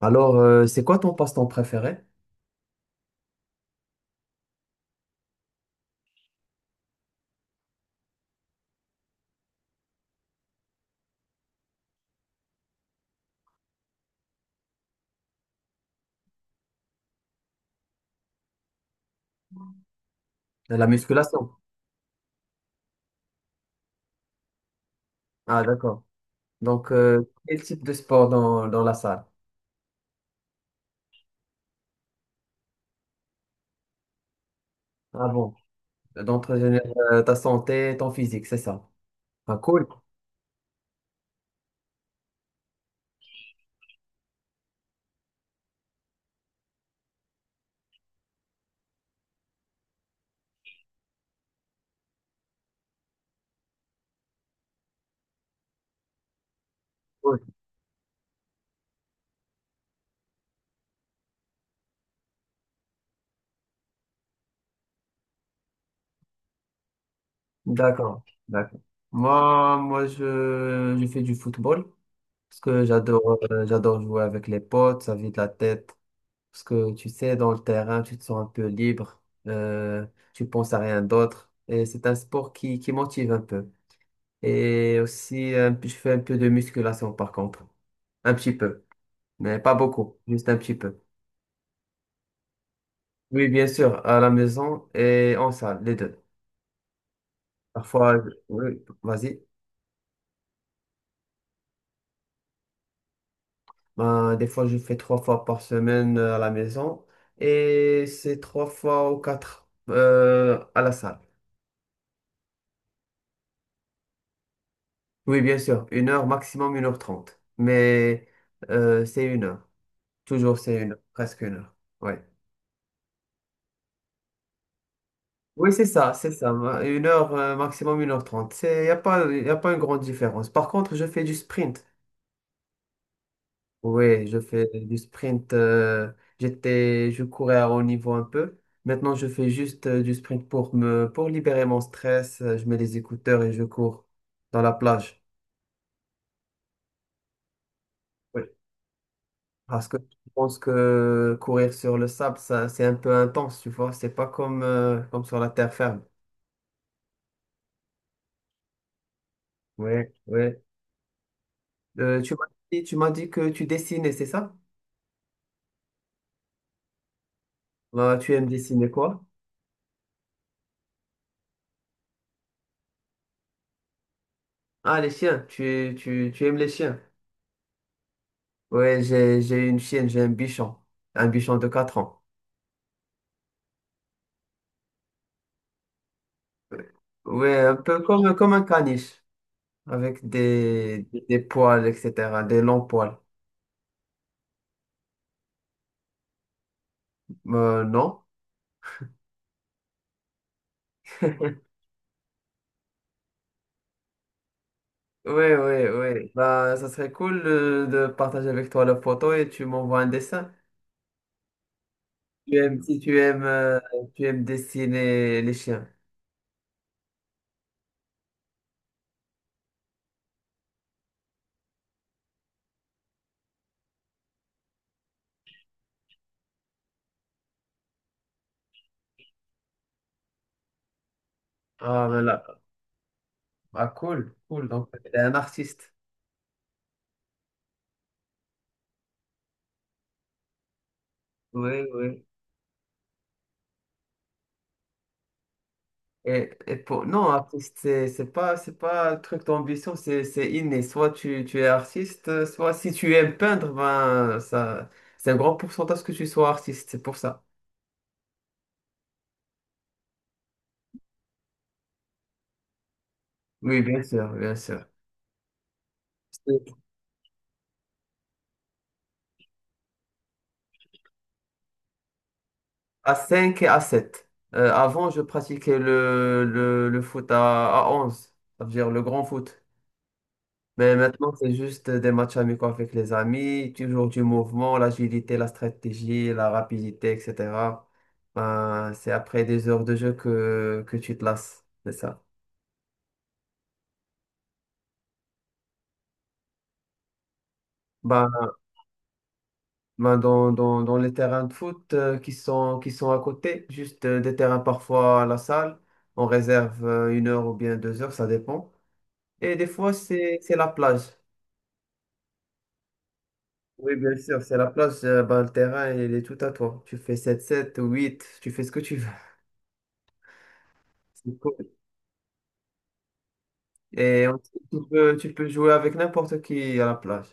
Alors, c'est quoi ton passe-temps préféré? La musculation. Ah, d'accord. Donc, quel type de sport dans la salle? Ah bon, d'entretenir ta santé, ton physique, c'est ça. Ah, cool. Cool. D'accord. D'accord. Moi, je fais du football parce que j'adore jouer avec les potes, ça vide la tête. Parce que tu sais, dans le terrain, tu te sens un peu libre, euh, tu penses à rien d'autre. Et c'est un sport qui motive un peu. Et aussi, un je fais un peu de musculation par contre. Un petit peu, mais pas beaucoup, juste un petit peu. Oui, bien sûr, à la maison et en salle, les deux. Parfois, oui, vas-y. Ben, des fois, je fais trois fois par semaine, à la maison et c'est trois fois ou quatre, à la salle. Oui, bien sûr, une heure, maximum une heure trente. Mais, c'est une heure. Toujours c'est une heure, presque une heure. Oui. Oui, c'est ça, c'est ça. Une heure, maximum une heure trente. C'est, y a pas une grande différence. Par contre, je fais du sprint. Oui, je fais du sprint. Je courais à haut niveau un peu. Maintenant, je fais juste du sprint pour libérer mon stress. Je mets les écouteurs et je cours dans la plage. Oui. Parce que je pense que courir sur le sable, ça, c'est un peu intense, tu vois. C'est pas comme sur la terre ferme. Oui, oui. Euh, tu m'as tu m'as dit que tu dessinais, c'est ça? Ah, tu aimes dessiner quoi? Ah, les chiens. Tu aimes les chiens? Ouais, j'ai une chienne, j'ai un bichon. Un bichon de 4 ans. Ouais, un peu comme un caniche, avec des poils, etc., des longs poils. Non? Ouais, ouais, ouais. Bah, ça serait cool de partager avec toi la photo et tu m'envoies un dessin. Si tu aimes, tu aimes dessiner les chiens. Ah, voilà. Ah, cool, cool. Donc, t'es un artiste. Oui, oui. Et pour... Non, artiste, c'est pas un truc d'ambition, c'est inné. Soit tu es artiste, soit si tu aimes peindre, ben, ça, c'est un grand pourcentage que tu sois artiste, c'est pour ça. Oui, bien sûr, bien sûr. C'est à 5 et à sept. Avant, je pratiquais le foot à 11, ça veut dire le grand foot. Mais maintenant, c'est juste des matchs amicaux avec les amis, toujours du mouvement, l'agilité, la stratégie, la rapidité, etc. Ben, c'est après des heures de jeu que tu te lasses, c'est ça. Ben, ben, dans les terrains de foot qui sont à côté, juste des terrains parfois à la salle, on réserve une heure ou bien deux heures, ça dépend. Et des fois, c'est la plage. Oui, bien sûr, c'est la plage, ben, le terrain, il est tout à toi. Tu fais sept sept ou huit, tu fais ce que tu veux. Et on- tu peux jouer avec n'importe qui à la plage.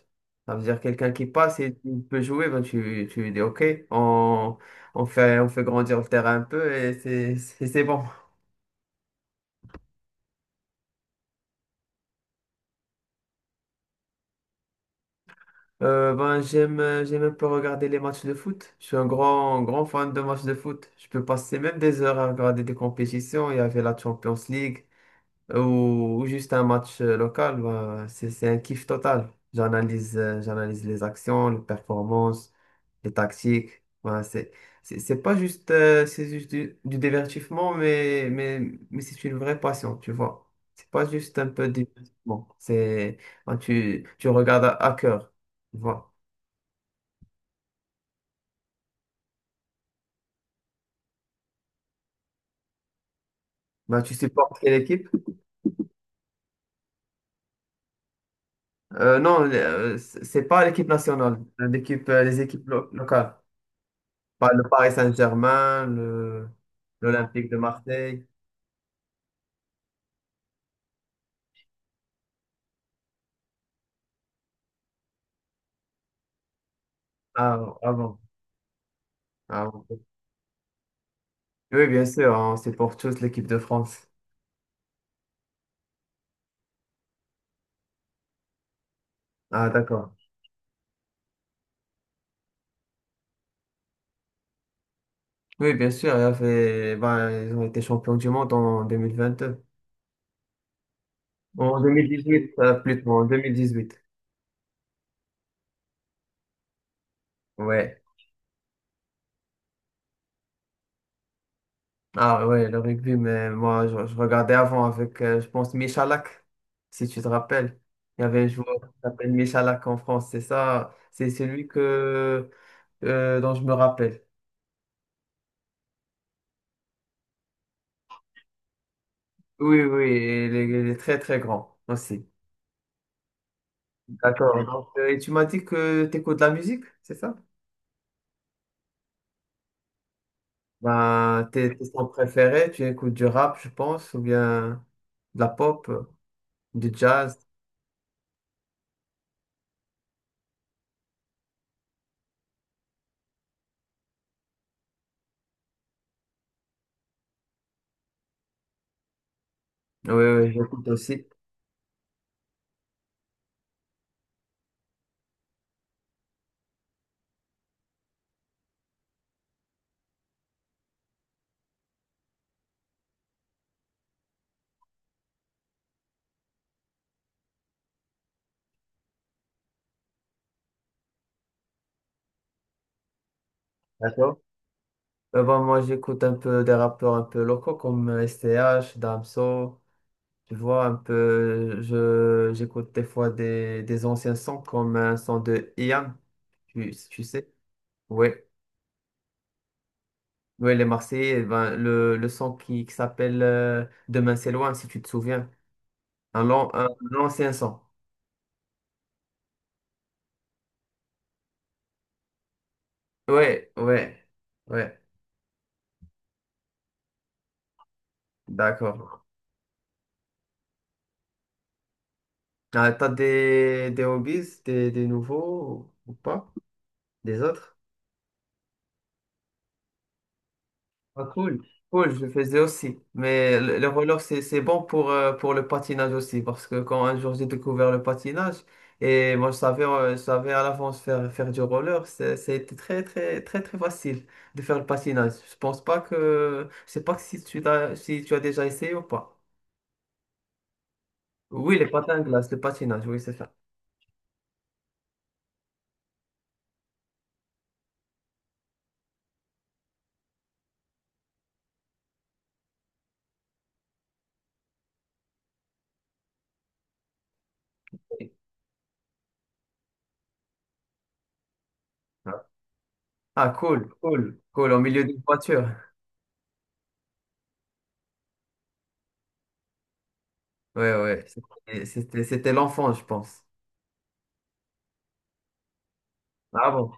Ça veut dire quelqu'un qui passe et tu peux jouer, ben tu lui dis OK, on, on fait grandir le terrain un peu et c'est bon. Ben, j'aime un peu regarder les matchs de foot. Je suis un grand, grand fan de matchs de foot. Je peux passer même des heures à regarder des compétitions. Il y avait la Champions League. Ou juste un match local, bah, c'est un kiff total. J'analyse les actions, les performances, les tactiques. Bah, c'est pas juste c'est juste du divertissement, mais c'est une vraie passion, tu vois. C'est pas juste un peu de divertissement. C'est bah, tu regardes à cœur, tu vois. Bah, tu supportes quelle équipe? Non, c'est pas l'équipe nationale, les équipes locales. Pas le Paris Saint-Germain, le l'Olympique de Marseille. Ah, avant. Ah, bon. Oui, bien sûr, on supporte tous l'équipe de France. Ah, d'accord. Oui, bien sûr, ben, ils ont été champions du monde en 2022. En 2018, plutôt, en 2018. Ouais. Ah, ouais, le rugby, mais moi, je regardais avant avec, je pense, Michalak, si tu te rappelles. Il y avait un joueur qui s'appelle Michalak en France, c'est ça. C'est celui dont je me rappelle. Oui, oui, et il est très très grand aussi. D'accord. Ouais. Donc, et tu m'as dit que tu écoutes de la musique, c'est ça? Ben, tes sons préférés, tu écoutes du rap, je pense, ou bien de la pop, du jazz. Oui, oui, j'écoute aussi. D'accord. Ben, moi, j'écoute un peu des rappeurs un peu locaux comme STH, Damso. Tu vois, un peu, j'écoute des fois des anciens sons comme un son de Ian, tu sais. Oui. Ouais, les Marseillais, eh ben, le son qui s'appelle Demain c'est loin, si tu te souviens. Un ancien son. Ouais, ouais, ouais, d'accord. Ah, t'as des hobbies, des nouveaux ou pas? Des autres? Ah, cool, cool, je le faisais aussi. Mais le roller, c'est bon pour le patinage aussi, parce que quand un jour j'ai découvert le patinage, et moi je savais à l'avance faire du roller, c'était très, très, très, très facile de faire le patinage. Je sais pas si tu as déjà essayé ou pas. Oui, les patins à glace, le patinage, oui, c'est ça. Oui. Ah, cool, cool, cool, au milieu d'une voiture. Ouais, ouais, c'était l'enfant, je pense. Ah bon?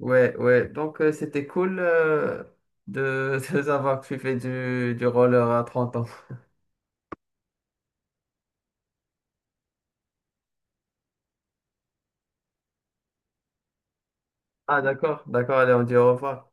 Ouais, ouais, donc, c'était cool de savoir que tu fais du roller à 30 ans. Ah, d'accord, d'accord, allez, on dit au revoir.